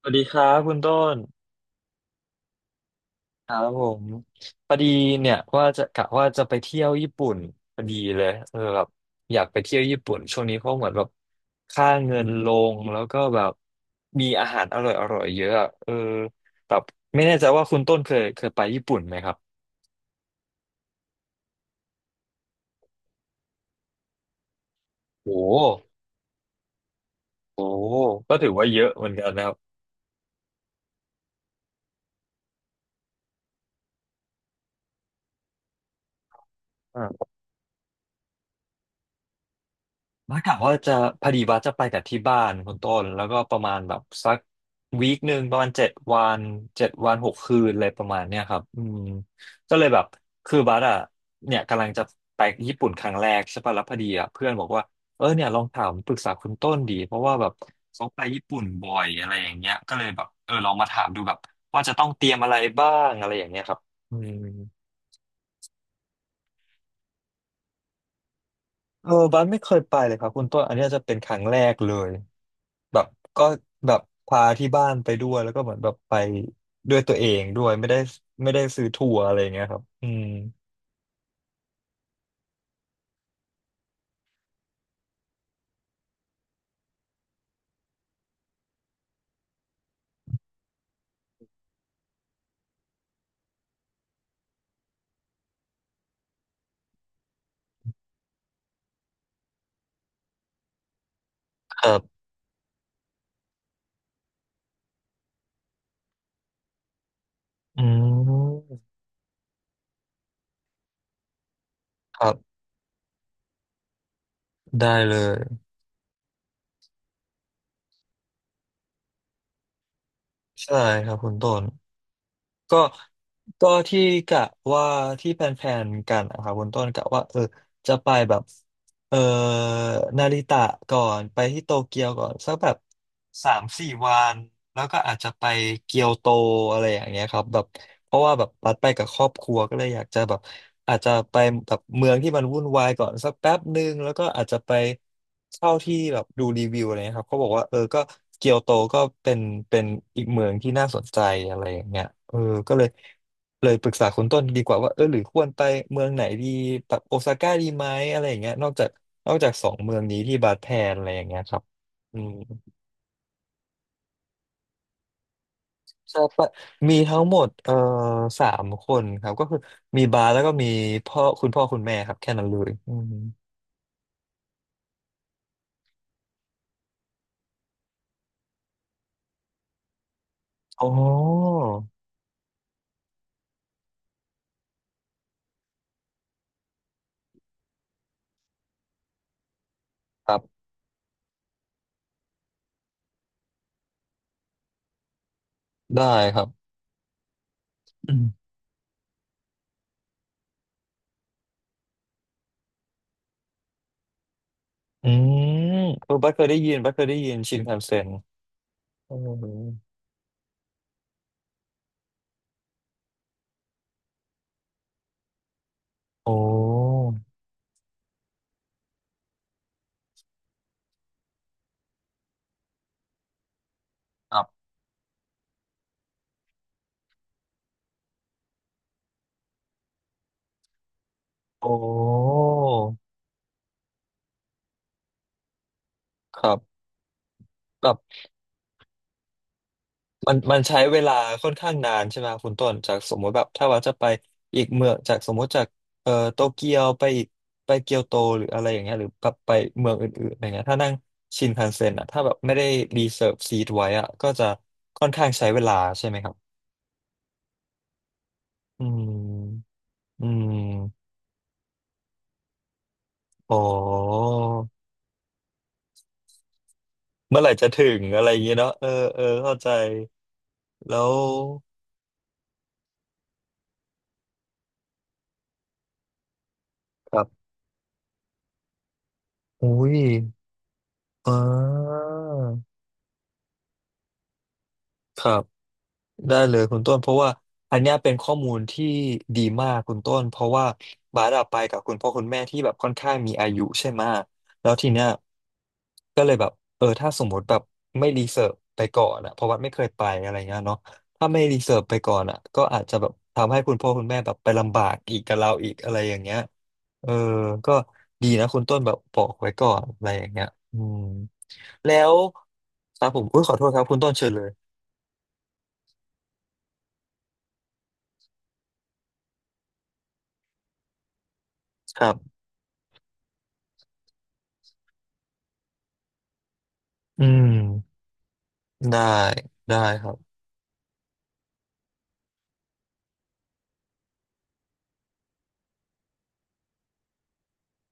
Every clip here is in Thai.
สวัสดีครับคุณต้นครับผมพอดีเนี่ยว่าจะกะว่าจะไปเที่ยวญี่ปุ่นพอดีเลยแบบอยากไปเที่ยวญี่ปุ่นช่วงนี้เพราะเหมือนแบบค่าเงินลงแล้วก็แบบมีอาหารอร่อยอร่อยเยอะอะแบบไม่แน่ใจว่าคุณต้นเคยไปญี่ปุ่นไหมครับโอ้โหโอ้โหก็ถือว่าเยอะเหมือนกันนะครับ บ้ากะว่าจะพอดีบ่าจะไปกับที่บ้านคุณต้นแล้วก็ประมาณแบบสักวีคหนึ่งประมาณเจ็ดวันเจ็ดวันหกคืนอะไรประมาณเนี้ยครับอืมก็เลยแบบคือบัสอ่ะเนี่ยกำลังจะไปญี่ปุ่นครั้งแรกใช่ปะแล้วพอดีอ่ะเพื่อนบอกว่าเนี่ยลองถามปรึกษาคุณต้นดีเพราะว่าแบบเขาไปญี่ปุ่นบ่อยอะไรอย่างเงี้ยก็เลยแบบลองมาถามดูแบบว่าจะต้องเตรียมอะไรบ้างอะไรอย่างเงี้ยครับอืม บันไม่เคยไปเลยครับคุณต้นอันเนี้ยจะเป็นครั้งแรกเลยแบบก็แบบพาที่บ้านไปด้วยแล้วก็เหมือนแบบไปด้วยตัวเองด้วยไม่ได้ซื้อทัวร์อะไรอย่างเงี้ยครับอืมครับอืมครับได้เลยใช่ครับคุณต้นก็ก็ที่กะว่าที่แพลนๆกันนะครับคุณต้นกะว่าจะไปแบบ เอ่อนาริตะก่อนไปที่โตเกียวก่อนสักแบบสามสี่วันแล้วก็อาจจะไปเกียวโตอะไรอย่างเงี้ยครับแบบเพราะว่าแบบบัดไปกับครอบครัวก็เลยอยากจะแบบอาจจะไปแบบเมืองที่มันวุ่นวายก่อนสักแป๊บหนึ่งแล้วก็อาจจะไปเช่าที่แบบดูรีวิวอะไรเงี้ยครับเขาบอกว่าก็เกียวโตก็เป็นอีกเมืองที่น่าสนใจอะไรอย่างเงี้ยก็เลยปรึกษาคุณต้นดีกว่าว่าหรือควรไปเมืองไหนดีแบบโอซาก้าดีไหมอะไรอย่างเงี้ยนอกจาก นอกจากสองเมืองนี้ที่บาดแพนอะไรอย่างเงี้ยครับอืมใช่ปะมีทั้งหมดสามคนครับก็คือมีบาสแล้วก็มีคุณพ่อคุณแม่ครับแค่นั้นเลยอืมอ๋อครับได้ครับอืมอืมบัสเคยได้ยินบัสเคยได้ยินชินคันเซ็นอืมโอ้ครับโอ้ครับแบบ มันใช้เวลาค่อนข้างนานใช่ไหมครับคุณต้นจากสมมติแบบถ้าว่าจะไปอีกเมืองจากสมมติจากโตเกียวไปเกียวโตหรืออะไรอย่างเงี้ยหรือแบบไปเมืองอื่นๆอะไรเงี้ยถ้านั่งชินคันเซ็นอ่ะถ้าแบบไม่ได้รีเซิร์ฟซีทไว้อ่ะก็จะค่อนข้างใช้เวลาใช่ไหมครับอืมอืมอ๋อเมื่อไหร่จะถึงอะไรอย่างเงี้ยเนาะอเออเข้าใจแล้วครับอุ้ยอ่าครับ ได้เลยคุณต้นเพราะว่าอันเนี้ยเป็นข้อมูลที่ดีมากคุณต้นเพราะว่าบาสอะไปกับคุณพ่อคุณแม่ที่แบบค่อนข้างมีอายุใช่ไหมะแล้วทีเนี้ยก็เลยแบบถ้าสมมติแบบไม่รีเสิร์ชไปก่อนอะเพราะว่าไม่เคยไปอะไรเงี้ยเนาะถ้าไม่รีเสิร์ชไปก่อนอะก็อาจจะแบบทำให้คุณพ่อคุณแม่แบบไปลำบากอีกกับเราอีกอะไรอย่างเงี้ยเออก็ดีนะคุณต้นแบบบอกไว้ก่อนอะไรอย่างเงี้ยอืมแล้วครับผมอุ้ยขอโทษครับคุณต้นเชิญเลยครับอืม ได้ได้ครับ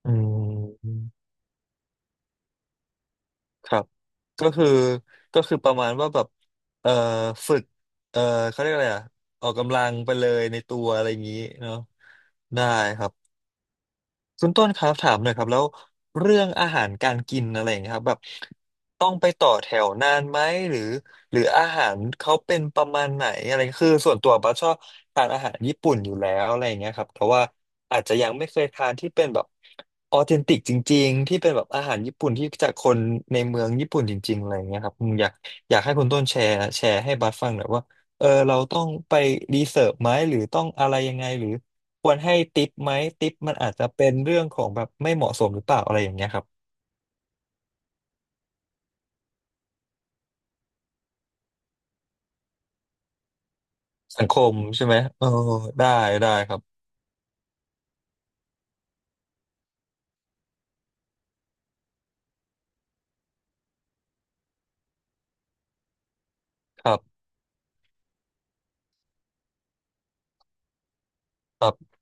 อืมครับก็คือก็คือประมาณว่าแบบเอ่อฝึกเอ่อเขาเรียกอะไรอ่ะออกกำลังไปเลยในตัวอะไรอย่างนี้เนาะได้ครับ คุณต้นครับถามหน่อยครับแล้วเรื่องอาหารการกินอะไรอย่างเงี้ยครับแบบต้องไปต่อแถวนานไหมหรือหรืออาหารเขาเป็นประมาณไหนอะไรคือส่วนตัวบัสชอบทานอาหารญี่ปุ่นอยู่แล้วอะไรอย่างเงี้ยครับแต่ว่าอาจจะยังไม่เคยทานที่เป็นแบบออเทนติกจริงๆที่เป็นแบบอาหารญี่ปุ่นที่จากคนในเมืองญี่ปุ่นจริงๆอะไรอย่างเงี้ยครับอืมอยากให้คุณต้นแชร์ให้บัสฟังหน่อยว่าเราต้องไปรีเสิร์ชไหมหรือต้องอะไรยังไงหรือ ควรให้ติปไหมติปมันอาจจะเป็นเรื่องของแบบไม่เหมาะสมหรือเปล่าอะไรอย่างเงี้ยครับสังคมใช่ไหมได้ได้ครับครับครับ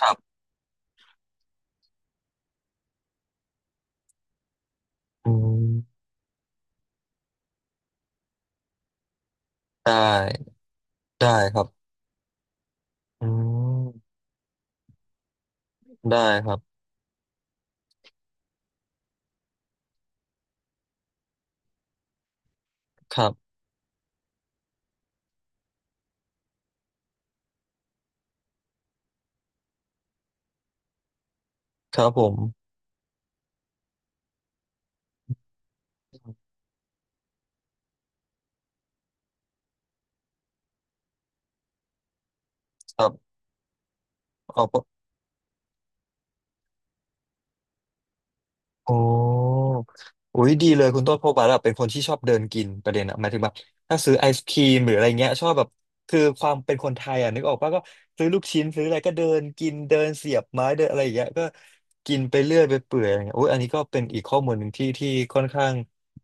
ครับอืมได้ได้ครับอืมได้ครับครับครับผมครับขอบ โอ้อุ้ยดีเลยคุณต้นเพราะว่าแบบเป็นคนที่ชอบเดินกินประเด็นอะหมายถึงแบบถ้าซื้อไอศครีมหรืออะไรเงี้ยชอบแบบคือความเป็นคนไทยอะนึกออกป่ะก็ซื้อลูกชิ้นซื้ออะไรก็เดินกินเดินเสียบไม้เดินอะไรอย่างเงี้ยก็กินไปเรื่อยไปเปื่อยอะไรเงี้ยอุ้ยอันนี้ก็เป็นอีกข้อมูลหนึ่งที่ค่อนข้าง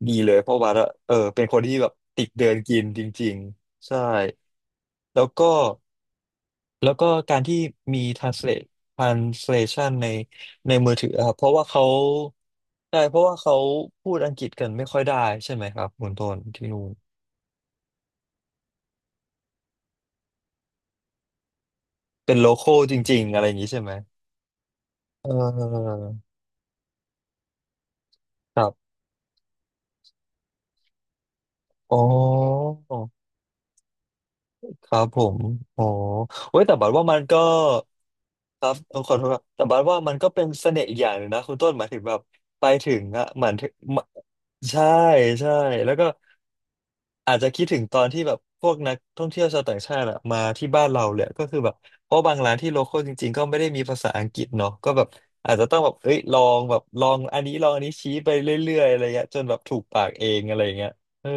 ดีเลยเพราะว่าเออเป็นคนที่แบบติดเดินกินจริงๆใช่แล้วก็ แล้วก็การที่มี translate translation ในในมือถืออะครับเพราะว่าเขาใช่เพราะว่าเขาพูดอังกฤษกันไม่ค่อยได้ใช่ไหมครับคุณต้นที่นู่นเป็น local จริงๆอะไรอย่างนี้ใช่ไหมเออครับอ๋อ ครับผม อ๋อเว้ยแต่บัดว่ามันก็ครับขอโทษครับแต่บัดว่ามันก็เป็นเสน่ห์อีกอย่างหนึ่งนะคุณต้นหมายถึงแบบไปถึงอ่ะเหมือนถึงมาใช่ใช่แล้วก็อาจจะคิดถึงตอนที่แบบพวกนักท่องเที่ยวชาวต่างชาติอะมาที่บ้านเราเลยก็คือแบบเพราะบางร้านที่โลคอลจริงๆ ก็ไม่ได้มีภาษาอังกฤษเนาะก็แบบอาจจะต้องแบบเอ้ยลองแบบลองอันนี้ลองอันนี้ชี้ไปเรื่อยๆอะไรเงี้ยจนแบบถูกปากเองอะไรเงี้ยเออ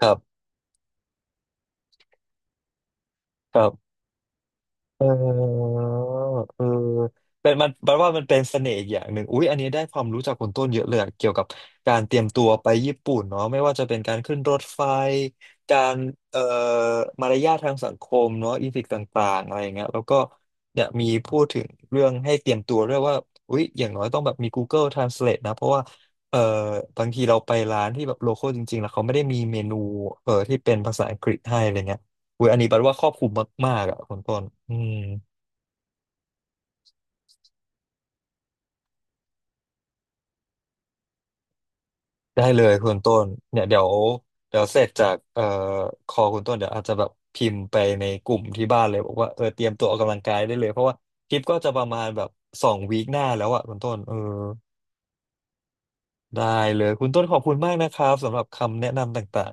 ครับครับ เอออเป็นมันแปลว่ามันเป็นเสน่ห์อีกอย่างหนึ่งอุ๊ยอันนี้ได้ความรู้จากคนต้นเยอะเลยอะเกี่ยวกับการเตรียมตัวไปญี่ปุ่นเนาะไม่ว่าจะเป็นการขึ้นรถไฟการเอ่อมารยาททางสังคมเนาะอีทิกต่างๆอะไรอย่างเงี้ยแล้วก็เนี่ยมีพูดถึงเรื่องให้เตรียมตัวด้วยว่าอุ๊ยอย่างน้อยต้องแบบมี Google Translate นะเพราะว่าเอ่อบางทีเราไปร้านที่แบบโลคอลจริงๆแล้วเขาไม่ได้มีเมนูที่เป็นภาษาอังกฤษให้อะไรเงี้ย อุยอันนี้แปลว่าครอบคลุมมากๆอ่ะคุณต้นอืมได้เลยคุณต้นเนี่ยเดี๋ยวเสร็จจากคอคุณต้นเดี๋ยวอาจจะแบบพิมพ์ไปในกลุ่มที่บ้านเลยบอกว่าเออเตรียมตัวออกกำลังกายได้เลยเพราะว่าคลิปก็จะประมาณแบบ2 วีคหน้าแล้วอ่ะคุณต้นเออได้เลยคุณต้นขอบคุณมากนะครับสำหรับคำแนะนำต่าง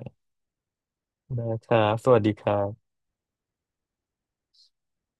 ๆนะครับสวัสดีครับ